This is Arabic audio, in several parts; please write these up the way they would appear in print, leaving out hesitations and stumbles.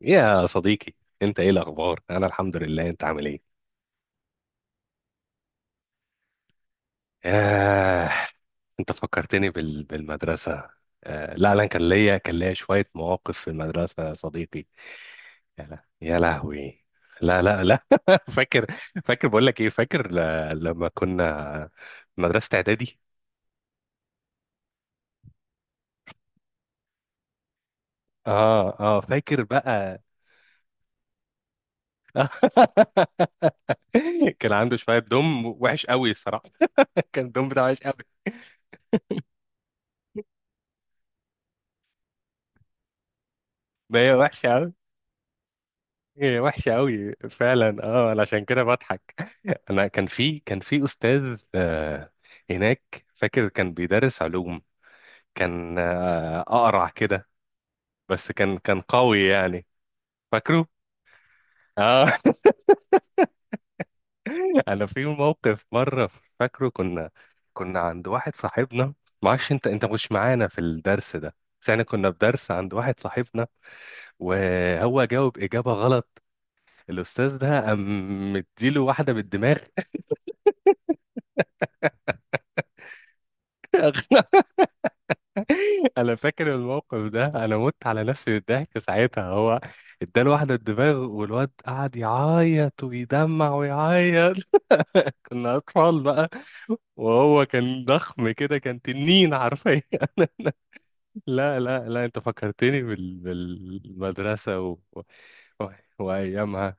يا صديقي، انت ايه الاخبار؟ انا الحمد لله. انت عامل ايه؟ آه، انت فكرتني بال... بالمدرسه. لا لا، كان ليا شويه مواقف في المدرسه يا صديقي. يا لهوي. لا لا لا، فاكر. فاكر، بقول لك ايه، فاكر لما كنا في مدرسه اعدادي. اه اه، فاكر بقى. كان عنده شويه دم وحش قوي الصراحه. كان الدم بتاعه وحش قوي. ما هي وحشه قوي، هي وحشه قوي فعلا. اه، أنا عشان كده بضحك. انا كان في استاذ هناك، فاكر كان بيدرس علوم. كان اقرع كده، بس كان قوي يعني. فاكره، اه. انا في موقف مره، فاكره. كنا عند واحد صاحبنا، معرفش انت مش معانا في الدرس ده، بس احنا كنا في درس عند واحد صاحبنا. وهو جاوب اجابه غلط، الاستاذ ده قام مديله واحده بالدماغ. انا فاكر الموقف ده، انا مت على نفسي من الضحك ساعتها. هو اداله واحده الدماغ، والواد قعد يعيط ويدمع ويعيط. كنا اطفال بقى، وهو كان ضخم كده، كان تنين حرفيا. لا لا لا، انت فكرتني بال... بالمدرسه و... و... وايامها.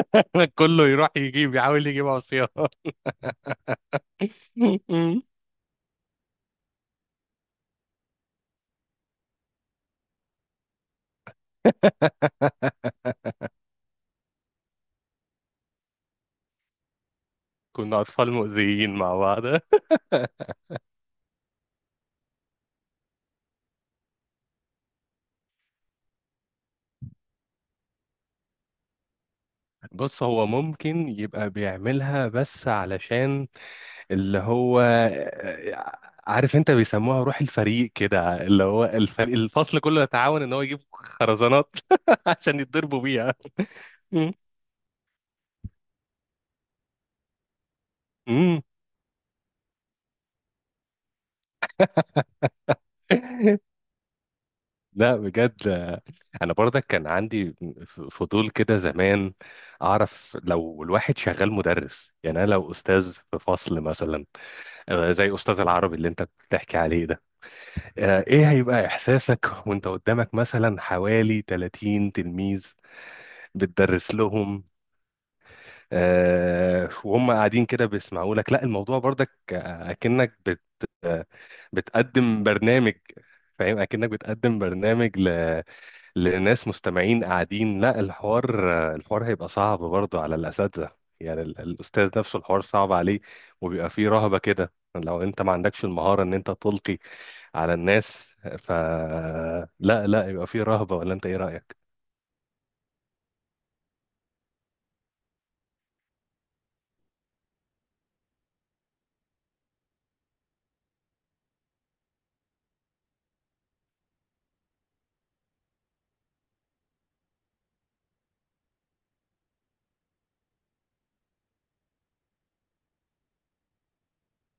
كله يروح يجيب، يحاول يجيب عصيان. كنا أطفال مؤذيين مع بعض. بص، هو ممكن يبقى بيعملها بس علشان اللي هو، عارف، انت بيسموها روح الفريق كده، اللي هو الفريق، الفصل كله يتعاون ان هو يجيب خرزانات عشان يتضربوا بيها. امم. لا بجد. انا برضك كان عندي فضول كده زمان، اعرف لو الواحد شغال مدرس. يعني انا لو استاذ في فصل مثلا، زي استاذ العربي اللي انت بتحكي عليه ده، ايه هيبقى احساسك وانت قدامك مثلا حوالي 30 تلميذ بتدرس لهم، وهم قاعدين كده بيسمعوا لك؟ لا، الموضوع برضك اكنك بت آه، بتقدم برنامج، فاهم؟ اكنك بتقدم برنامج لناس مستمعين قاعدين. لا، الحوار الحوار هيبقى صعب برضه على الاساتذه. يعني الاستاذ نفسه الحوار صعب عليه، وبيبقى فيه رهبه كده لو انت ما عندكش المهاره ان انت تلقي على الناس. فلا لا لا، يبقى فيه رهبه، ولا انت ايه رايك؟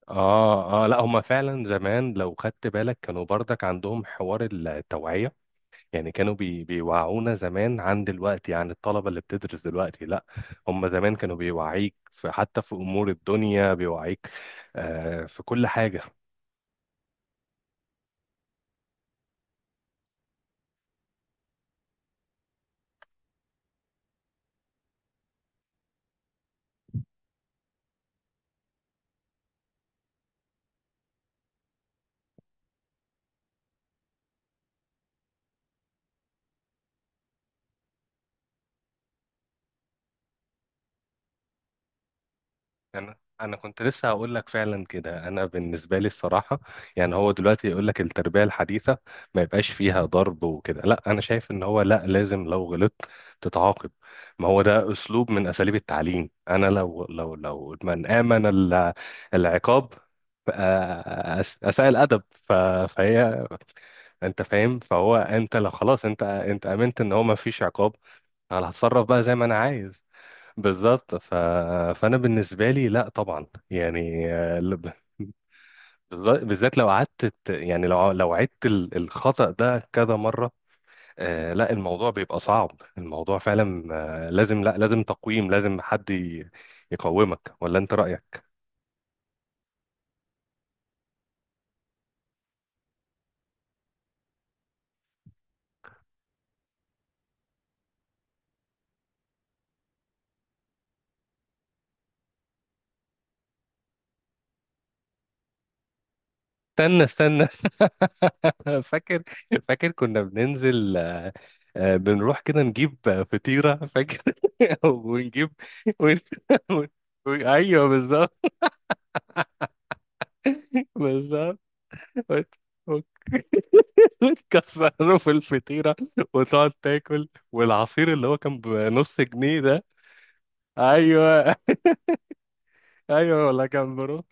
اه اه، لا، هما فعلا زمان لو خدت بالك كانوا برضك عندهم حوار التوعية. يعني كانوا بيوعونا زمان، عن دلوقتي، عن الطلبة اللي بتدرس دلوقتي، لا هما زمان كانوا بيوعيك في، حتى في امور الدنيا بيوعيك. في كل حاجة. انا انا كنت لسه هقول لك فعلا كده. انا بالنسبه لي الصراحه، يعني هو دلوقتي يقول لك التربيه الحديثه ما يبقاش فيها ضرب وكده، لا، انا شايف ان هو، لا، لازم لو غلطت تتعاقب. ما هو ده اسلوب من اساليب التعليم. انا لو من امن العقاب، اساء الادب فهي، انت فاهم؟ فهو انت لو خلاص، انت امنت ان هو ما فيش عقاب، انا هتصرف بقى زي ما انا عايز. بالظبط. فانا بالنسبه لي لا طبعا، يعني بالذات لو قعدت يعني لو عدت الخطأ ده كذا مره، لا الموضوع بيبقى صعب، الموضوع فعلا لازم، لا، لازم تقويم، لازم حد يقومك، ولا انت رأيك؟ استنى استنى، فاكر. فاكر كنا بننزل، بنروح كده نجيب فطيرة، فاكر. ونجيب ون... ون... ايوه بالظبط. بالظبط وت- وت- وتكسره في الفطيرة وتقعد تاكل. والعصير اللي هو كان بنص جنيه ده، ايوه. ايوه، ولا كان بروح.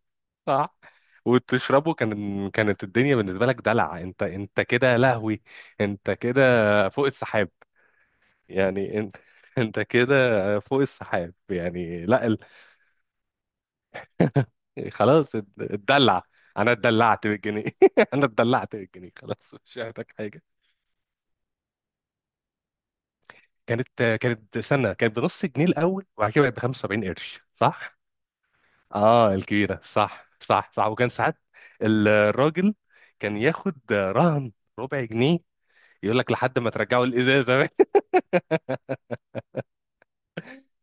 صح، وتشربه. كانت الدنيا بالنسبة لك دلع. انت كده لهوي، انت كده فوق السحاب يعني. انت كده فوق السحاب يعني. لا خلاص، اتدلع. انا اتدلعت بالجنيه. انا اتدلعت بالجنيه، خلاص مش محتاج حاجة. كانت سنة كانت بنص جنيه الأول، وبعد كده بقت ب 75 قرش، صح؟ اه، الكبيرة، صح صح صح. وكان ساعات الراجل كان ياخد رهن ربع جنيه، يقول لك لحد ما ترجعوا الإزازة.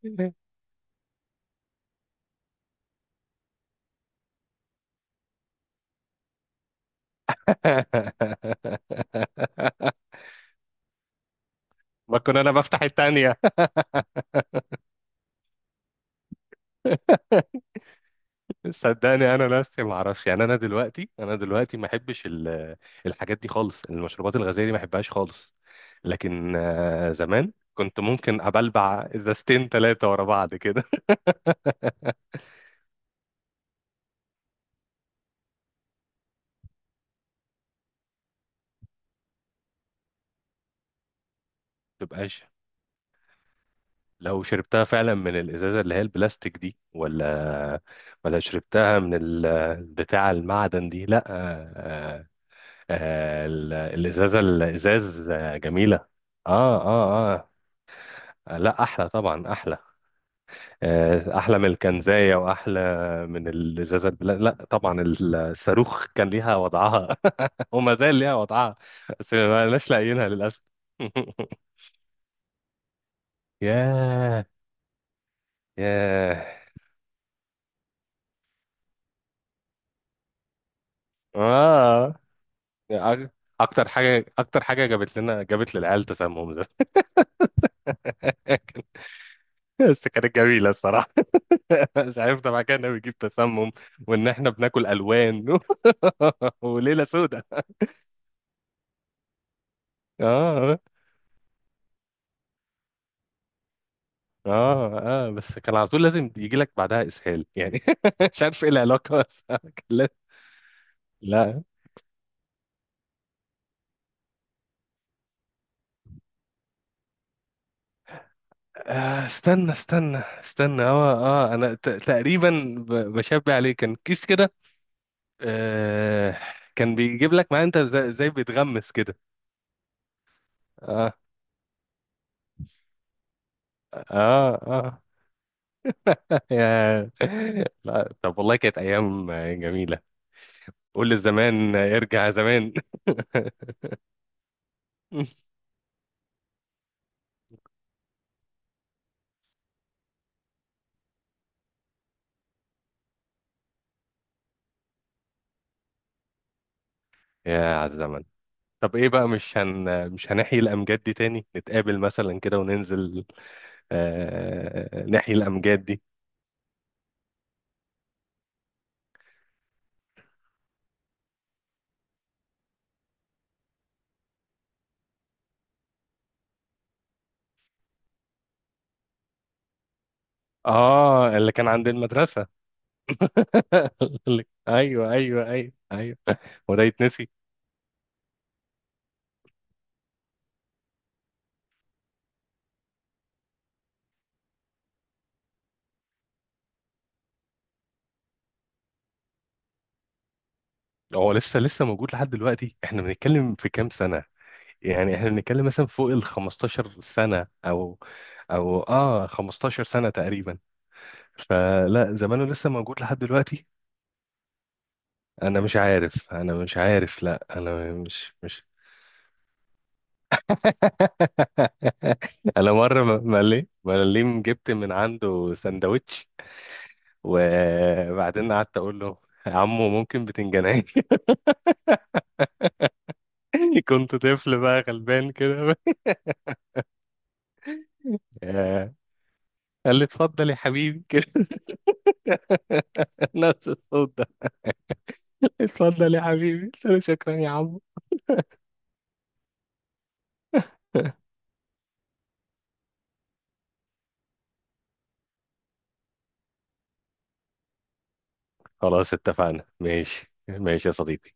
ما كنا أنا بفتح التانية. صدقني انا نفسي ما اعرفش، يعني انا دلوقتي، ما احبش الحاجات دي خالص، المشروبات الغازيه دي ما احبهاش خالص. لكن زمان كنت ممكن ابلبع ازازتين ثلاثه ورا بعض كده. ما تبقاش لو شربتها فعلا من الازازه اللي هي البلاستيك دي. ولا، ولا شربتها من بتاع المعدن دي، لا، الازازه، الازاز آه، جميله. اه اه اه، لا، احلى طبعا، احلى احلى من الكنزايه واحلى من الازازه البلاستيك. لا طبعا الصاروخ كان ليها وضعها، وما زال ليها وضعها، بس ما لناش لاقيينها للاسف. ياه. ياه، اه. أك- اكتر حاجه، اكتر حاجه جابت لنا، جابت للعيال تسمم ده. بس كانت جميله الصراحه. مش عارف طبعا كان بيجيب تسمم، وان احنا بناكل الوان. وليله سودة. اه اه اه، بس كان على طول لازم يجي لك بعدها اسهال يعني. مش عارف ايه العلاقه، بس كان لا. استنى استنى استنى، اه. اه، انا تقريبا بشبه عليه، كان كيس كده. آه كان بيجيب لك معاه انت زي بيتغمس كده. اه اه اه. يا، لا، طب والله كانت ايام جميله. قول للزمان ارجع زمان. يا على الزمن. طب ايه بقى، مش هنحيي الامجاد دي تاني؟ نتقابل مثلا كده وننزل ناحية الأمجاد دي. اه، اللي كان عند المدرسة. ايوه ايوه ايوه ايوه، هو ده يتنسي؟ هو لسه موجود لحد دلوقتي. احنا بنتكلم في كام سنة، يعني احنا بنتكلم مثلا فوق ال 15 سنة، او او 15 سنة تقريبا. فلا زمانه لسه موجود لحد دلوقتي. انا مش عارف، انا مش عارف، لا انا مش. انا مرة مليم جبت من عنده سندوتش، وبعدين قعدت اقول له: يا عمو ممكن بتنجانيه؟ كنت طفل بقى غلبان كده. آه، قال لي: اتفضل يا حبيبي، كده، نفس الصوت ده. اتفضل يا حبيبي. قلت له: شكرا يا عمو. خلاص اتفقنا، ماشي ماشي يا صديقي.